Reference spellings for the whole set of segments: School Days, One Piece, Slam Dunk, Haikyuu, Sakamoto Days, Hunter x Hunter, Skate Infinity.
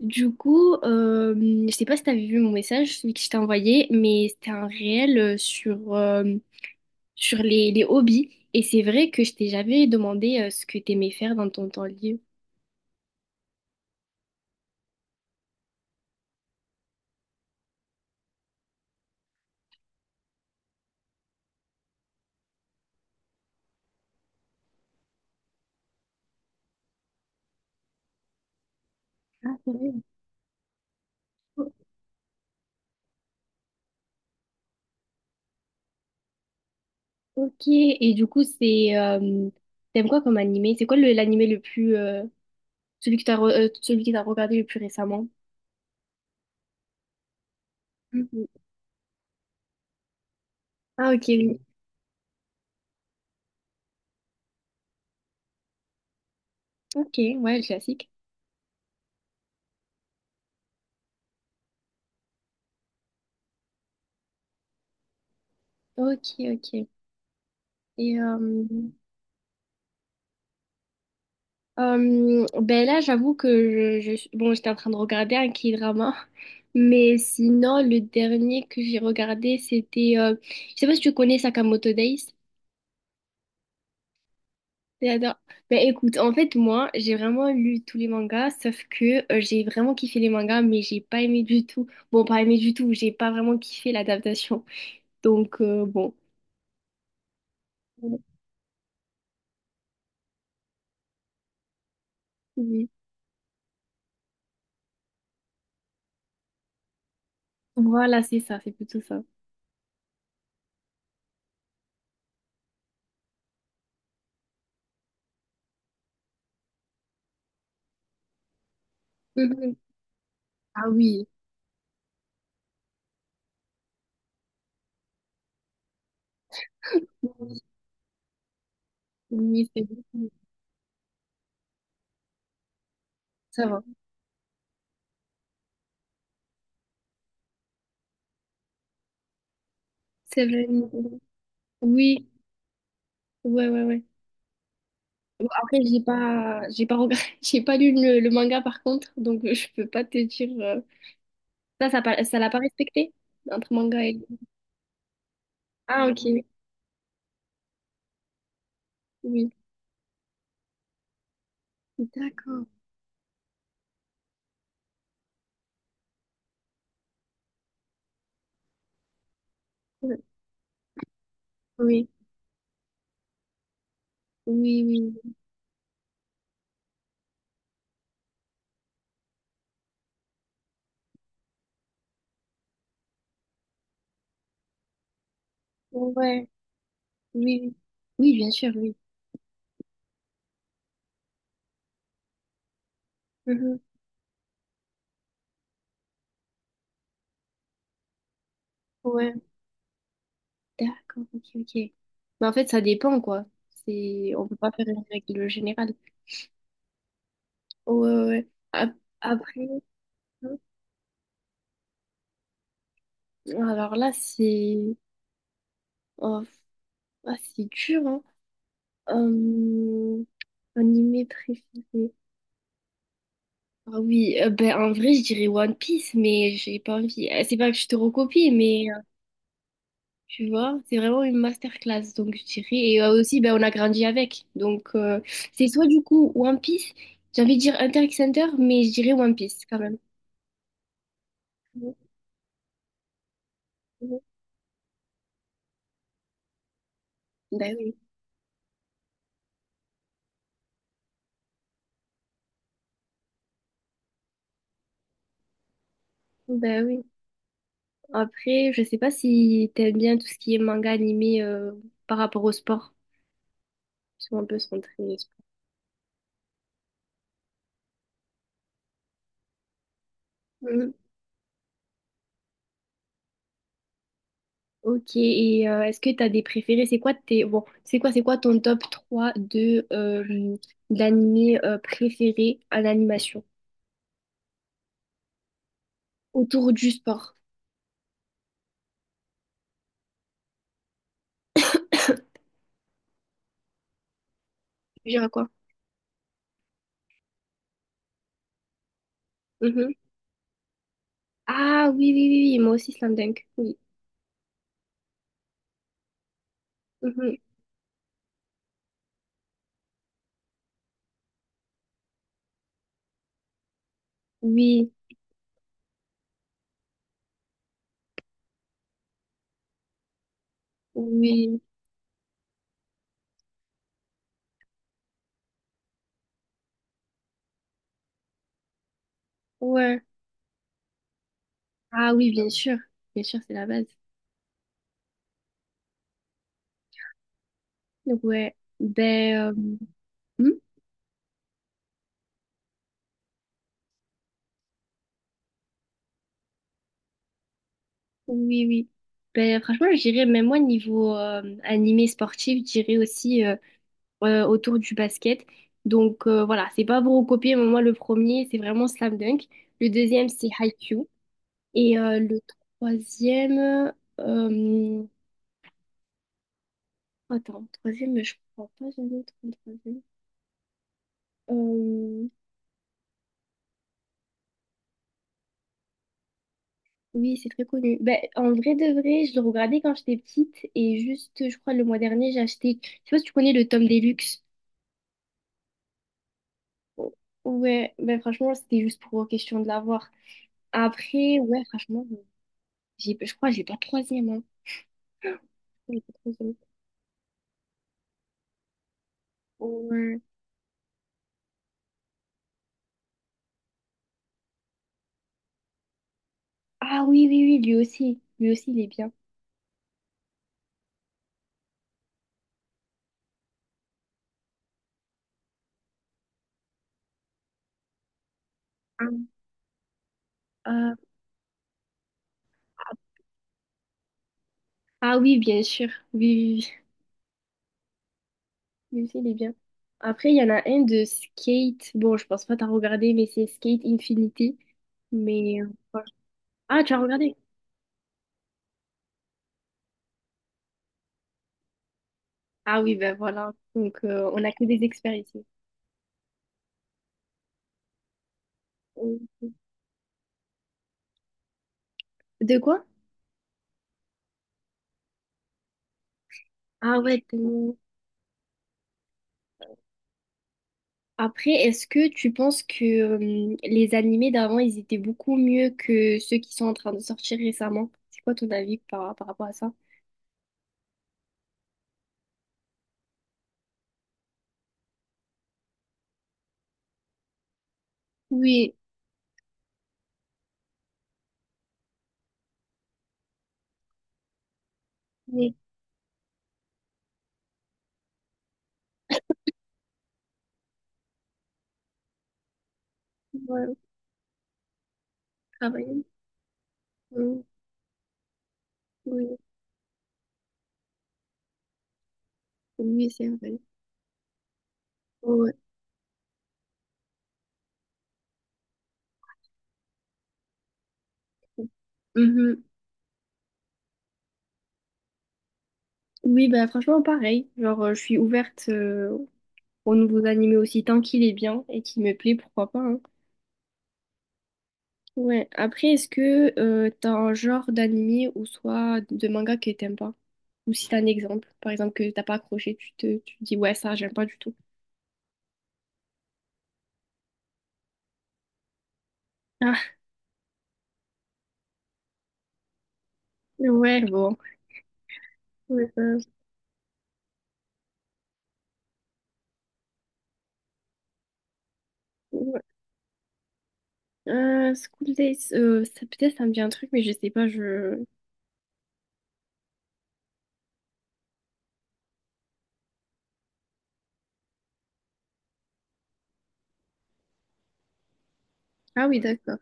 Du coup, je sais pas si t'avais vu mon message, celui que je t'ai envoyé, mais c'était un réel sur les hobbies. Et c'est vrai que je t'ai jamais demandé ce que t'aimais faire dans ton temps libre. Ah, c'est vrai. O- Ok, et du coup, c'est t'aimes quoi comme animé? C'est quoi l'animé le plus celui que celui que t'as regardé le plus récemment? Mhm. Ah, ok, oui. Ok, ouais, le classique. Ok, ok. Et ben là, j'avoue que bon, j'étais en train de regarder un K-drama, mais sinon, le dernier que j'ai regardé, c'était, je sais pas si tu connais Sakamoto Days. J'adore. Ben écoute, en fait, moi, j'ai vraiment lu tous les mangas, sauf que j'ai vraiment kiffé les mangas, mais j'ai pas aimé du tout. Bon, pas aimé du tout, j'ai pas vraiment kiffé l'adaptation. Donc, bon. Oui. Voilà, c'est ça, c'est plutôt ça. Mhm. Ah oui, oui, c'est ça va. C'est vrai. Oui, ouais, ouais, ouais. Bon, après, j'ai pas regret- j'ai pas lu le manga par contre, donc je peux pas te dire. Ça, ça l'a pas respecté entre manga et. Ah, ok. Oui. D'accord. Ouais. Oui. Oui, oui. Ouais. Oui, oui. Oui, bien sûr, oui. Mhm. Ouais. D'accord, ok, ok. Mais en fait, ça dépend, quoi. C'est, on peut pas faire une règle générale. Ouais, ouais, ouais. Après, hein. Alors là, c'est, oh, ah, c'est dur, hein. Euh, animé préféré. Ah oui, ben, en vrai, je dirais One Piece, mais j'ai pas envie. C'est pas que je te recopie, mais tu vois, c'est vraiment une masterclass, donc je dirais. Et aussi, ben, on a grandi avec. Donc, c'est soit du coup One Piece, j'ai envie de dire Hunter x Hunter, mais je dirais One Piece quand même. Ben oui, ben oui. Après, je sais pas si t'aimes bien tout ce qui est manga animé par rapport au sport. Ils sont un peu centrés. Ok, et est-ce que tu as des préférés? C'est quoi tes bon, c'est quoi ton top 3 de d'animés préférés en animation autour du sport? Je dirais quoi? Mhm. Ah oui, oui, oui, oui, moi aussi Slam Dunk. Oui. Mhm. Oui, oui, ouais. Ah oui, bien sûr. Bien sûr, c'est la base. Donc, ouais. Ben hmm, oui, oui. Ben franchement, je dirais même moi niveau animé sportif, je dirais aussi autour du basket. Donc voilà, c'est pas pour recopier, mais moi le premier, c'est vraiment Slam Dunk. Le deuxième, c'est Haikyuu. Et le troisième, euh, attends, troisième, je crois pas jamais trop troisième. Euh, oui, c'est très connu. Ben, en vrai de vrai, je le regardais quand j'étais petite et juste, je crois, le mois dernier, j'ai acheté, je sais pas si tu connais le tome Deluxe. O- Ouais, ben franchement, c'était juste pour question de l'avoir. Après, ouais, franchement, j'ai, je crois, que j'ai pas de troisième, hein. Ouais. Ah oui, oui, oui, lui aussi. Lui aussi, il est bien. Ah, euh, ah oui, bien sûr. Oui, oui, oui. Lui aussi, il est bien. Après, il y en a un de Skate. Bon, je pense pas t'as regardé, mais c'est Skate Infinity. Mais... voilà. Ah, tu as regardé? Ah oui, ben voilà. Donc, on a que des experts ici. De quoi? Ah ouais, tellement. Après, est-ce que tu penses que les animés d'avant, ils étaient beaucoup mieux que ceux qui sont en train de sortir récemment? C'est quoi ton avis par rapport à ça? Oui, mais ouais, travailler. Euh, oui, oui, c'est vrai. Ouais. Mhm. Oui, bah franchement, pareil. Genre, je suis ouverte aux nouveaux animés aussi, tant qu'il est bien et qu'il me plaît, pourquoi pas. Hein. Ouais. Après, est-ce que t'as un genre d'animé ou soit de manga que t'aimes pas? Ou si t'as un exemple, par exemple, que t'as pas accroché, tu te dis, ouais, ça, j'aime pas du tout. Ah, ouais, bon. Ouais, ça, ouais. School Days, peut-être ça me dit un truc, mais je sais pas, je... Ah oui, d'accord.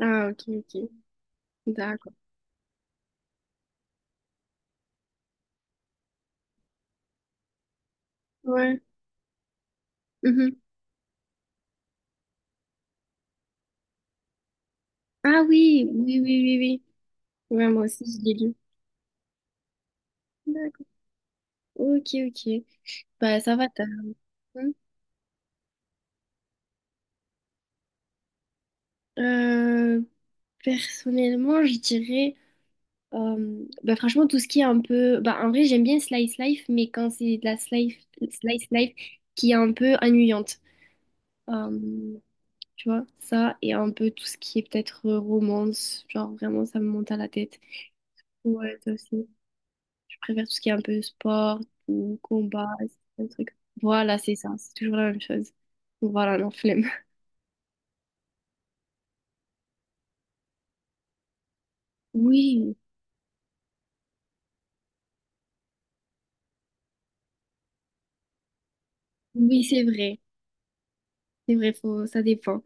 Ah, ok, ok. D'accord. Ouais. Mhm. Ah oui, oui, oui, oui, oui. Ouais, moi aussi, je l'ai lu. D'accord. Ok, ok. Bah, ça va, t'as raison. Euh, personnellement, je dirais. Bah, franchement, tout ce qui est un peu. Bah, en vrai, j'aime bien Slice Life, mais quand c'est de slice Life qui est un peu ennuyante. Euh, tu vois, ça, et un peu tout ce qui est peut-être romance. Genre, vraiment, ça me monte à la tête. Ouais, toi aussi. Je préfère tout ce qui est un peu sport ou combat, un truc. Voilà, c'est ça, c'est toujours la même chose. Donc voilà, non, flemme. Oui, oui, c'est vrai. C'est vrai, faut, ça dépend.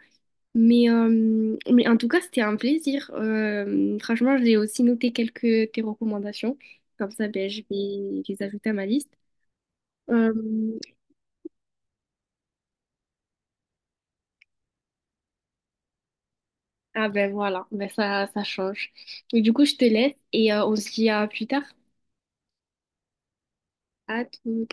Mais en tout cas, c'était un plaisir. Franchement, j'ai aussi noté quelques tes recommandations. Comme ça, ben, je vais les ajouter à ma liste. Euh, ah ben voilà, ben ça change. Et du coup, je te laisse et on se dit à plus tard. À tout.